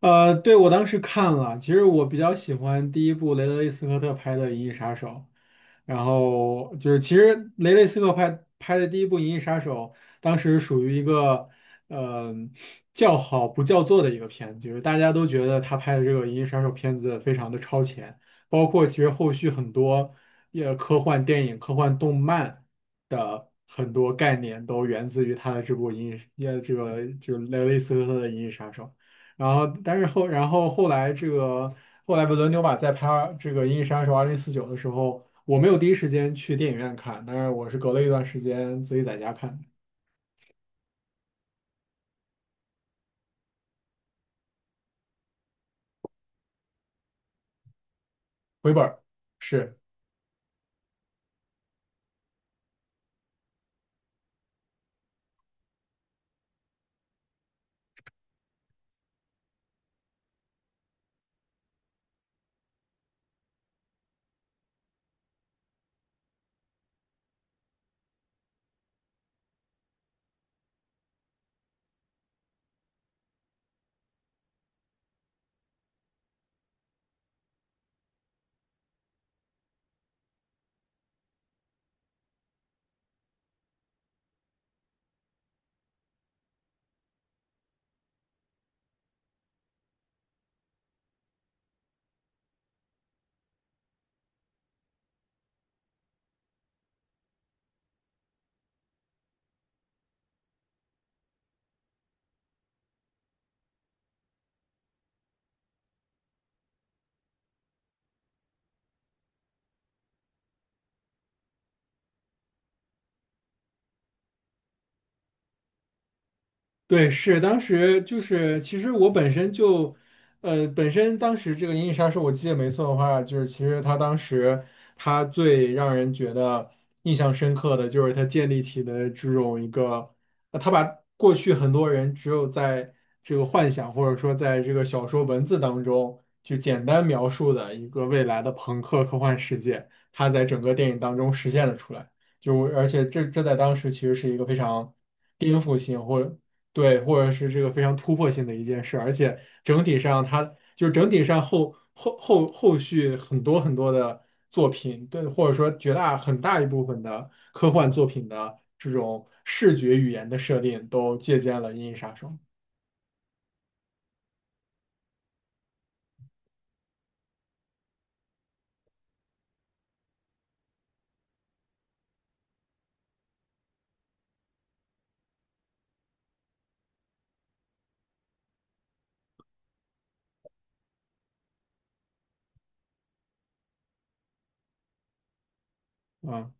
对，我当时看了，其实我比较喜欢第一部雷德利·斯科特拍的《银翼杀手》。然后就是其实雷斯科特拍的第一部《银翼杀手》，当时属于一个呃叫好不叫座的一个片子，就是大家都觉得他拍的这个《银翼杀手》片子非常的超前，包括其实后续很多也科幻电影、科幻动漫的很多概念都源自于他的这部《银翼》也这个就是雷斯科特的《银翼杀手》。然后，但是后，然后后来这个后来维伦纽瓦在拍这个《银翼杀手二零四九》的时候，我没有第一时间去电影院看，但是我是隔了一段时间自己在家看的。回本儿。是。对，是当时就是，其实我本身就，本身当时这个《银翼杀手》，我记得没错的话，就是其实他当时他最让人觉得印象深刻的就是他建立起的这种一个，他把过去很多人只有在这个幻想或者说在这个小说文字当中就简单描述的一个未来的朋克科幻世界，他在整个电影当中实现了出来。就而且这在当时其实是一个非常颠覆性或者对，或者是这个非常突破性的一件事，而且整体上它就是整体上后续很多的作品，对，或者说绝大很大一部分的科幻作品的这种视觉语言的设定，都借鉴了《银翼杀手》啊，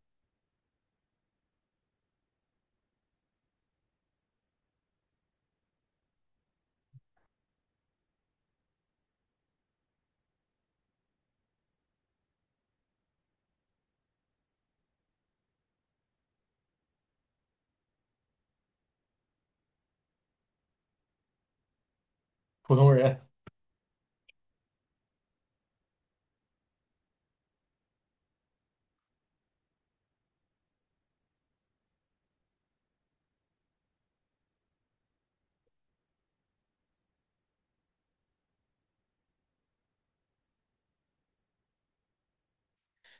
普通人。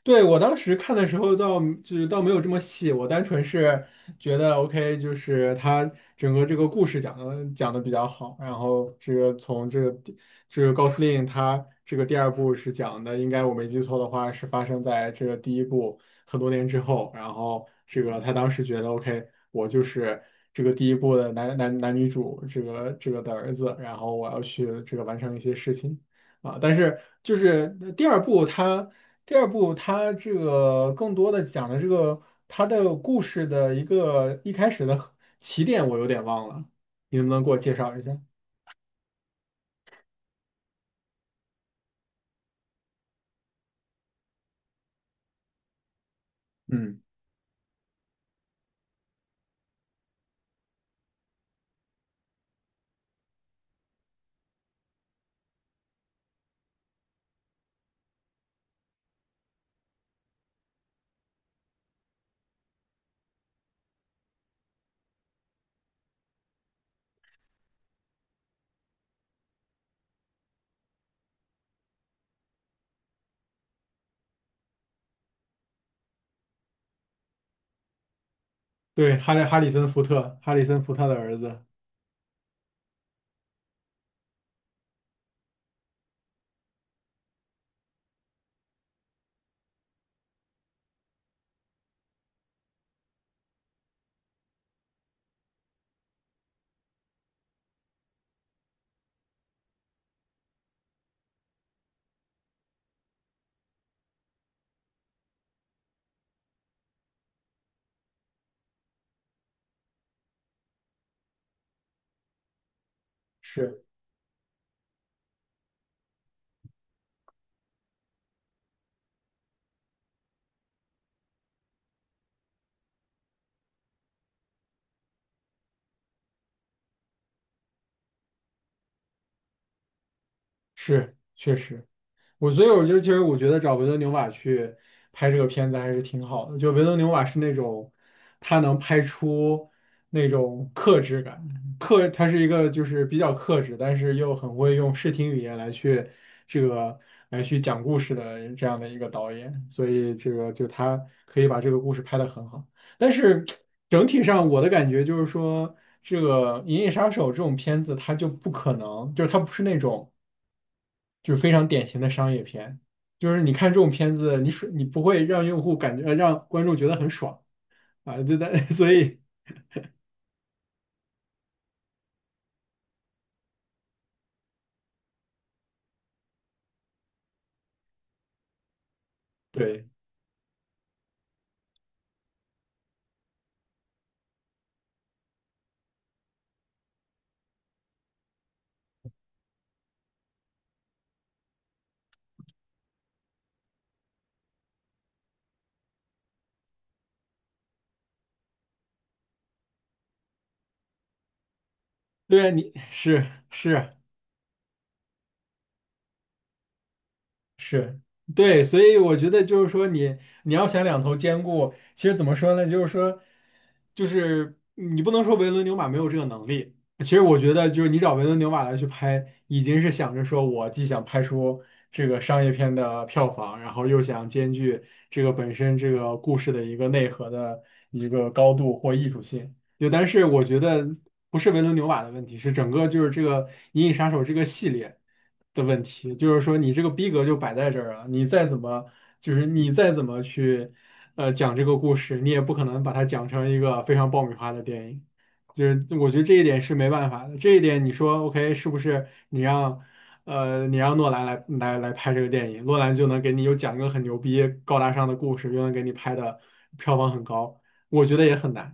对，我当时看的时候倒就是倒没有这么细，我单纯是觉得 OK,就是他整个这个故事讲的比较好，然后这个从这个第这个高司令他这个第二部是讲的，应该我没记错的话是发生在这个第一部很多年之后，然后这个他当时觉得 OK,我就是这个第一部的男男男女主这个的儿子，然后我要去这个完成一些事情。啊，但是就是第二部他。第二部它这个更多的讲的这个它的故事的一个一开始的 起点，我有点忘了，你能不能给我介绍一下？嗯。对，哈里森福特，哈里森福特的儿子。是。是确实。我所以我就其实我觉得找维伦纽瓦去拍这个片子还是挺好的。就维伦纽瓦是那种他能拍出那种克制感，克他是一个就是比较克制，但是又很会用视听语言来去这个来去讲故事的这样的一个导演。所以这个就他可以把这个故事拍得很好。但是整体上我的感觉就是说，这个《银翼杀手》这种片子它就不可能，就是它不是那种。就是非常典型的商业片，就是你看这种片子，你爽，你不会让用户感觉，让观众觉得很爽啊，就在，所以对对啊，你是。是。是。对，所以我觉得就是说你你要想两头兼顾，其实怎么说呢？就是说，就是你不能说维伦纽瓦没有这个能力。其实我觉得就是你找维伦纽瓦来去拍，已经是想着说我既想拍出这个商业片的票房，然后又想兼具这个本身这个故事的一个内核的一个高度或艺术性。对，但是我觉得不是维伦纽瓦的问题，是整个就是这个《银翼杀手》这个系列的问题。就是说，你这个逼格就摆在这儿了，你再怎么就是你再怎么去讲这个故事，你也不可能把它讲成一个非常爆米花的电影。就是我觉得这一点是没办法的，这一点你说 OK 是不是你让你让诺兰来拍这个电影，诺兰就能给你又讲一个很牛逼高大上的故事，又能给你拍的票房很高，我觉得也很难。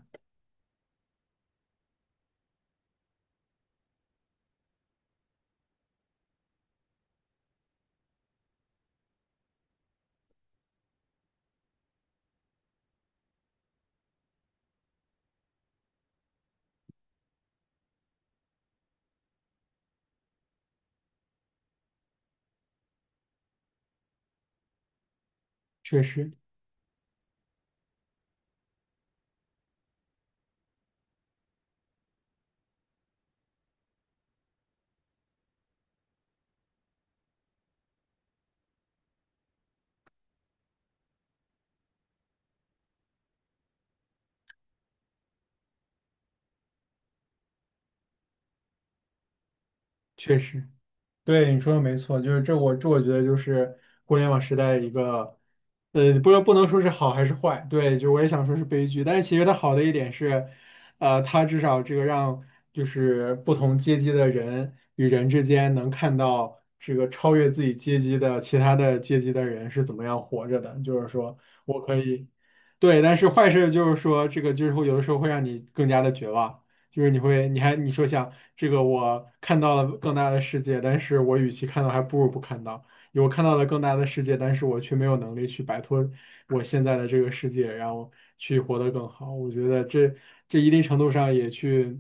确实。确实，对你说的没错，就是这我这我觉得就是互联网时代一个，不知道不能说是好还是坏，对，就我也想说是悲剧，但是其实它好的一点是，它至少这个让就是不同阶级的人与人之间能看到这个超越自己阶级的其他的阶级的人是怎么样活着的，就是说我可以，对，但是坏事就是说这个就是会有的时候会让你更加的绝望。就是你会，你还你说想这个，我看到了更大的世界，但是我与其看到，还不如不看到。我看到了更大的世界，但是我却没有能力去摆脱我现在的这个世界，然后去活得更好。我觉得这这一定程度上也去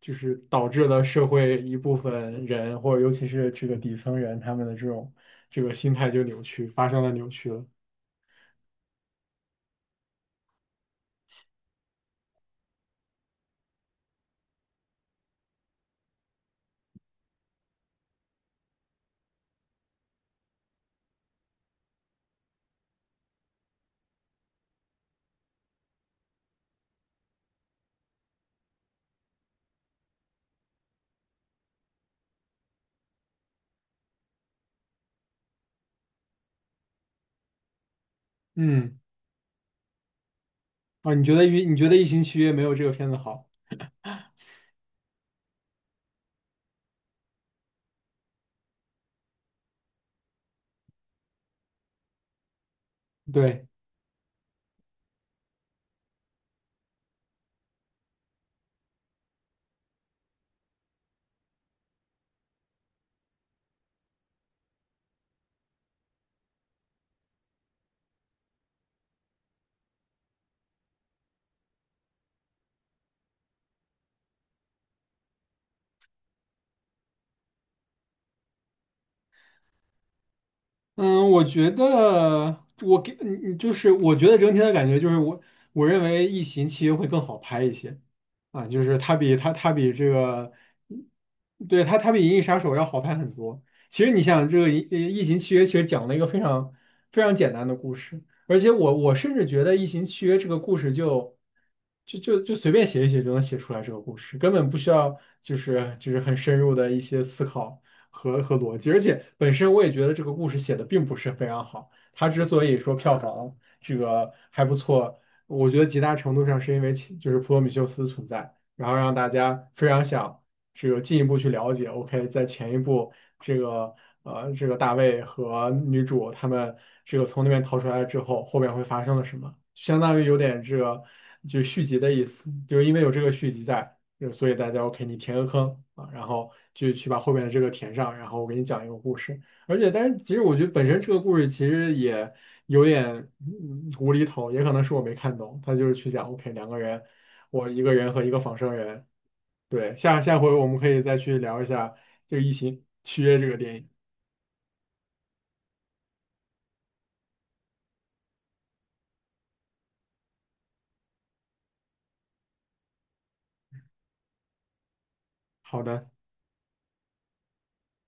就是导致了社会一部分人，或者尤其是这个底层人，他们的这种这个心态就扭曲，发生了扭曲了。嗯。啊，你觉得《异形契约》没有这个片子好？对。嗯，我觉得我给你就是我觉得整体的感觉就是我我认为《异形》契约》会更好拍一些啊，就是它比它它比这个，对它它比《银翼杀手》要好拍很多。其实你想，这个异形契约》其实讲了一个非常非常简单的故事，而且我我甚至觉得《异形契约》这个故事就随便写一写就能写出来这个故事，根本不需要就是就是很深入的一些思考。和和逻辑，而且本身我也觉得这个故事写的并不是非常好。它之所以说票房这个还不错，我觉得极大程度上是因为其就是普罗米修斯存在，然后让大家非常想这个进一步去了解。OK,在前一部这个这个大卫和女主他们这个从那边逃出来之后，后面会发生了什么，相当于有点这个就续集的意思，就是因为有这个续集在。就所以大家 OK,你填个坑啊，然后去把后面的这个填上，然后我给你讲一个故事。而且，但是其实我觉得本身这个故事其实也有点嗯无厘头，也可能是我没看懂。他就是去讲 OK,两个人，我一个人和一个仿生人。对，下回我们可以再去聊一下这个《异形契约》这个电影。好的。